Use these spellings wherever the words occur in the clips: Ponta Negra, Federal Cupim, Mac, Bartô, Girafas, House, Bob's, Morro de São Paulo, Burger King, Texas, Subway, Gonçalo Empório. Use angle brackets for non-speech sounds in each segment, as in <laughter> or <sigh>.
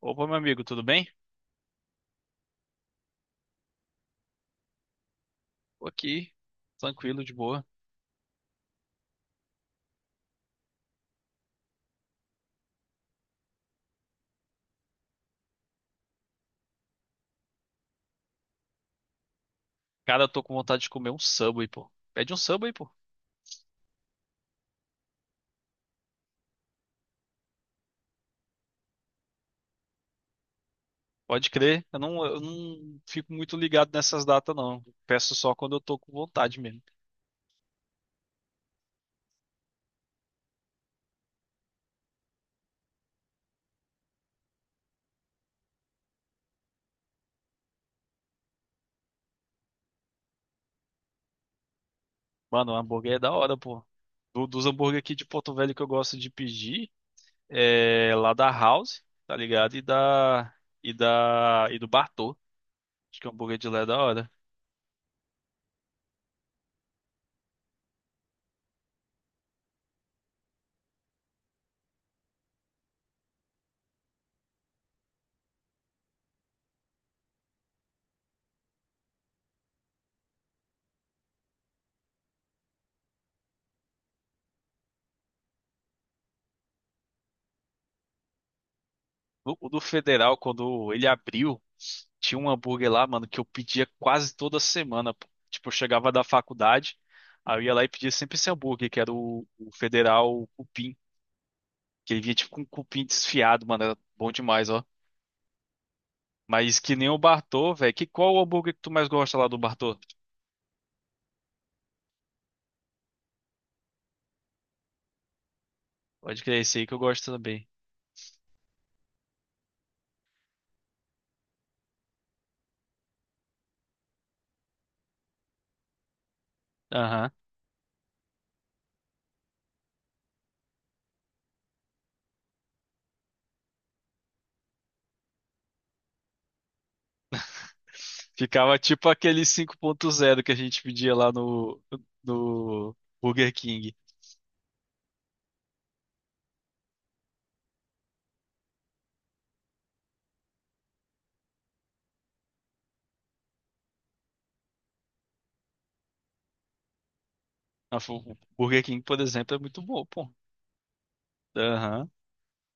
Opa, meu amigo, tudo bem? Tô aqui, tranquilo, de boa. Cara, eu tô com vontade de comer um Subway, pô. Pede um Subway, pô. Pode crer. Eu não fico muito ligado nessas datas, não. Peço só quando eu tô com vontade mesmo. Mano, o hambúrguer é da hora, pô. Dos hambúrguer aqui de Porto Velho que eu gosto de pedir, é lá da House, tá ligado? E da, e do Bartô. Acho que o hambúrguer de lá é da hora. O do Federal, quando ele abriu, tinha um hambúrguer lá, mano, que eu pedia quase toda semana, pô. Tipo, eu chegava da faculdade, aí eu ia lá e pedia sempre esse hambúrguer, que era o Federal Cupim. Que ele vinha tipo com um cupim desfiado, mano. Era bom demais, ó. Mas que nem o Bartô, velho. Que qual o hambúrguer que tu mais gosta lá do Bartô? Pode crer, esse aí que eu gosto também. Aham. Ficava tipo aquele cinco ponto zero que a gente pedia lá no Burger King. O Burger King, por exemplo, é muito bom, pô. Aham.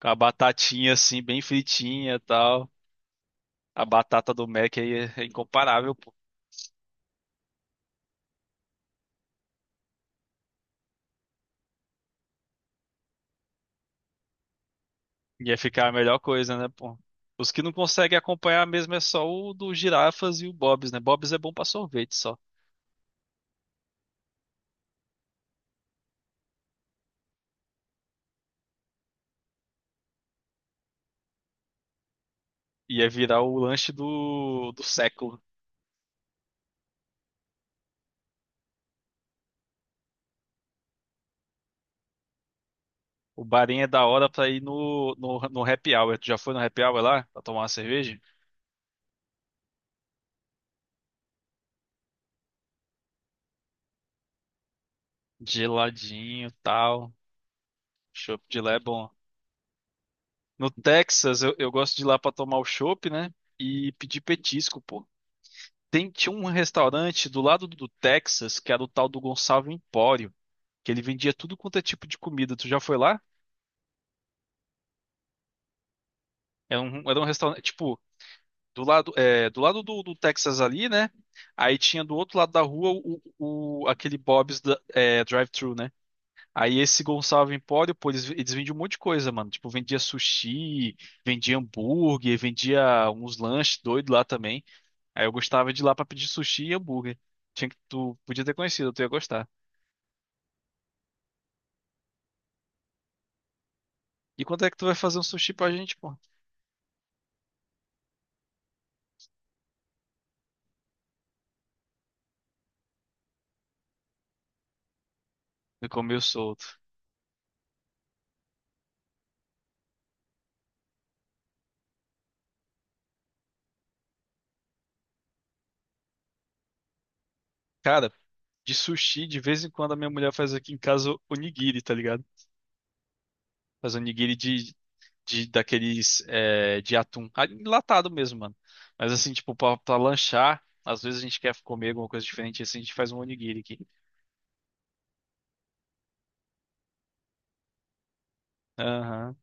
Com a batatinha assim, bem fritinha e tal. A batata do Mac aí é incomparável, pô. Ia ficar a melhor coisa, né, pô? Os que não conseguem acompanhar mesmo é só o do Girafas e o Bob's, né? Bob's é bom pra sorvete só. Ia virar o lanche do século. O barinho é da hora pra ir no happy hour. Tu já foi no happy hour lá? Pra tomar uma cerveja? Geladinho, tal. Chopp de lá é bom. No Texas, eu gosto de ir lá pra tomar o chopp, né? E pedir petisco, pô. Tem, tinha um restaurante do lado do Texas, que era o tal do Gonçalo Empório, que ele vendia tudo quanto é tipo de comida. Tu já foi lá? Era um restaurante, tipo, do lado, é, do lado do Texas ali, né? Aí tinha do outro lado da rua o, aquele Bob's é, drive-thru, né? Aí esse Gonçalo Empório, pô, eles vendiam um monte de coisa, mano. Tipo, vendia sushi, vendia hambúrguer, vendia uns lanches doidos lá também. Aí eu gostava de ir lá pra pedir sushi e hambúrguer. Tinha que, tu podia ter conhecido, tu ia gostar. E quando é que tu vai fazer um sushi pra gente, pô? Eu comi o solto. Cara, de sushi, de vez em quando a minha mulher faz aqui em casa onigiri, tá ligado? Faz onigiri de daqueles é, de atum. Ah, enlatado mesmo, mano. Mas assim, tipo, pra lanchar, às vezes a gente quer comer alguma coisa diferente, assim, a gente faz um onigiri aqui. Aham,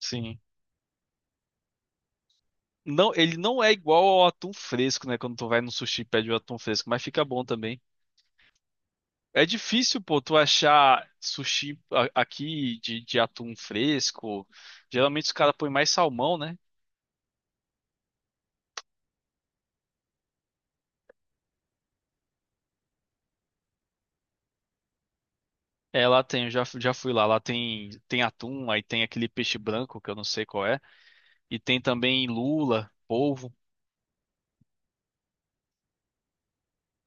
sim. Não, ele não é igual ao atum fresco, né? Quando tu vai no sushi e pede o atum fresco, mas fica bom também. É difícil, pô, tu achar sushi aqui de atum fresco. Geralmente os caras põem mais salmão, né? É, lá tem, eu já, já fui lá. Lá tem, tem atum, aí tem aquele peixe branco, que eu não sei qual é. E tem também lula, polvo.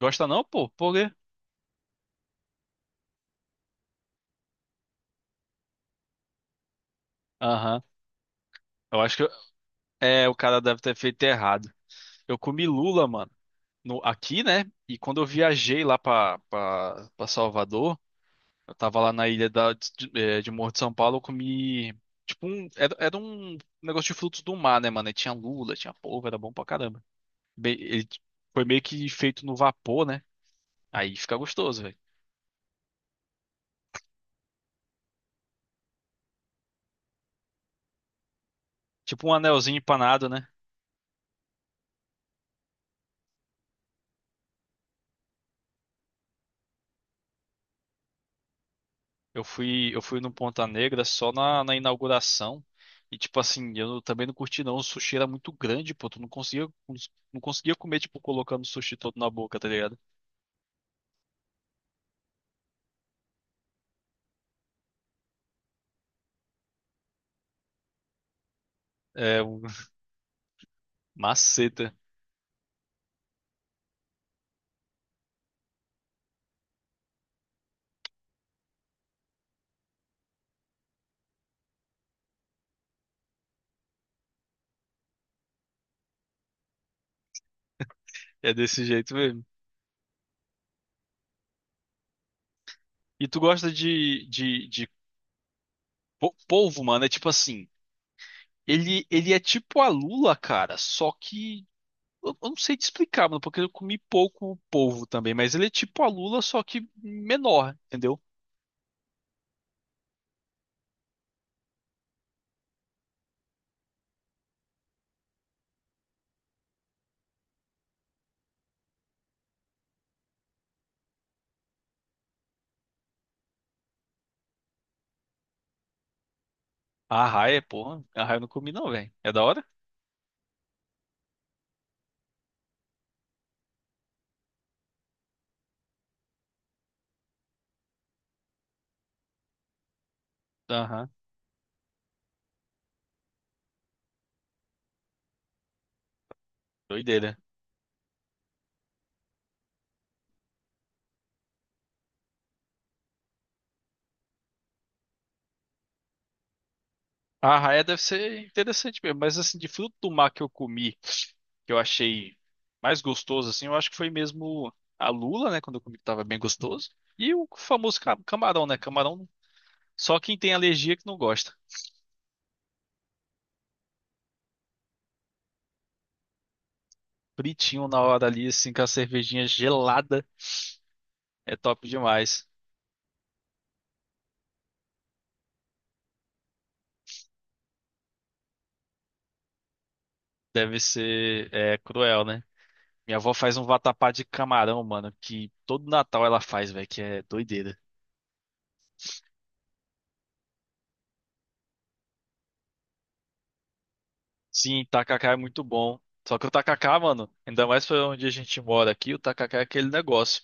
Gosta não, pô? Por quê? Aham. Eu acho que eu- É, o cara deve ter feito errado. Eu comi lula, mano, no, aqui, né? E quando eu viajei lá pra Salvador. Eu tava lá na ilha da, de, de Morro de São Paulo, eu comi. Tipo, um, era um negócio de frutos do mar, né, mano? E tinha lula, tinha polvo, era bom pra caramba. Bem, foi meio que feito no vapor, né? Aí fica gostoso, velho. Tipo um anelzinho empanado, né? Eu fui no Ponta Negra só na inauguração. E, tipo assim, eu não- também não curti, não. O sushi era muito grande, pô. Tu não conseguia, não conseguia comer, tipo, colocando o sushi todo na boca, tá ligado? É, um- <laughs> maceta. É desse jeito mesmo. E tu gosta de polvo, mano? É tipo assim, ele é tipo a lula, cara, só que eu não sei te explicar, mano, porque eu comi pouco polvo também, mas ele é tipo a lula, só que menor, entendeu? A arraia, porra, a arraia eu não comi não, velho. É da hora? Aham, doideira. A arraia deve ser interessante mesmo, mas assim, de fruto do mar que eu comi, que eu achei mais gostoso, assim, eu acho que foi mesmo a lula, né, quando eu comi que tava bem gostoso. E o famoso camarão, né? Camarão só quem tem alergia que não gosta. Fritinho na hora ali, assim, com a cervejinha gelada, é top demais. Deve ser, é, cruel, né? Minha avó faz um vatapá de camarão, mano, que todo Natal ela faz, velho, que é doideira. Sim, tacacá é muito bom. Só que o tacacá, mano, ainda mais pra onde a gente mora aqui, o tacacá é aquele negócio.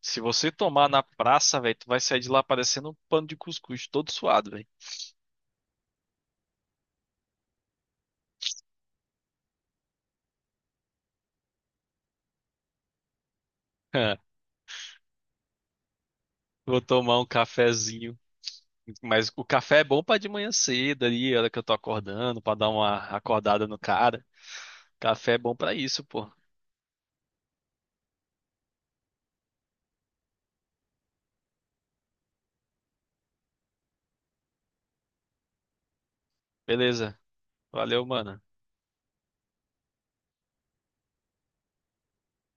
Se você tomar na praça, velho, tu vai sair de lá parecendo um pano de cuscuz, todo suado, velho. <laughs> Vou tomar um cafezinho. Mas o café é bom pra de manhã cedo ali, a hora que eu tô acordando, pra dar uma acordada no cara. Café é bom pra isso, pô. Beleza. Valeu, mano.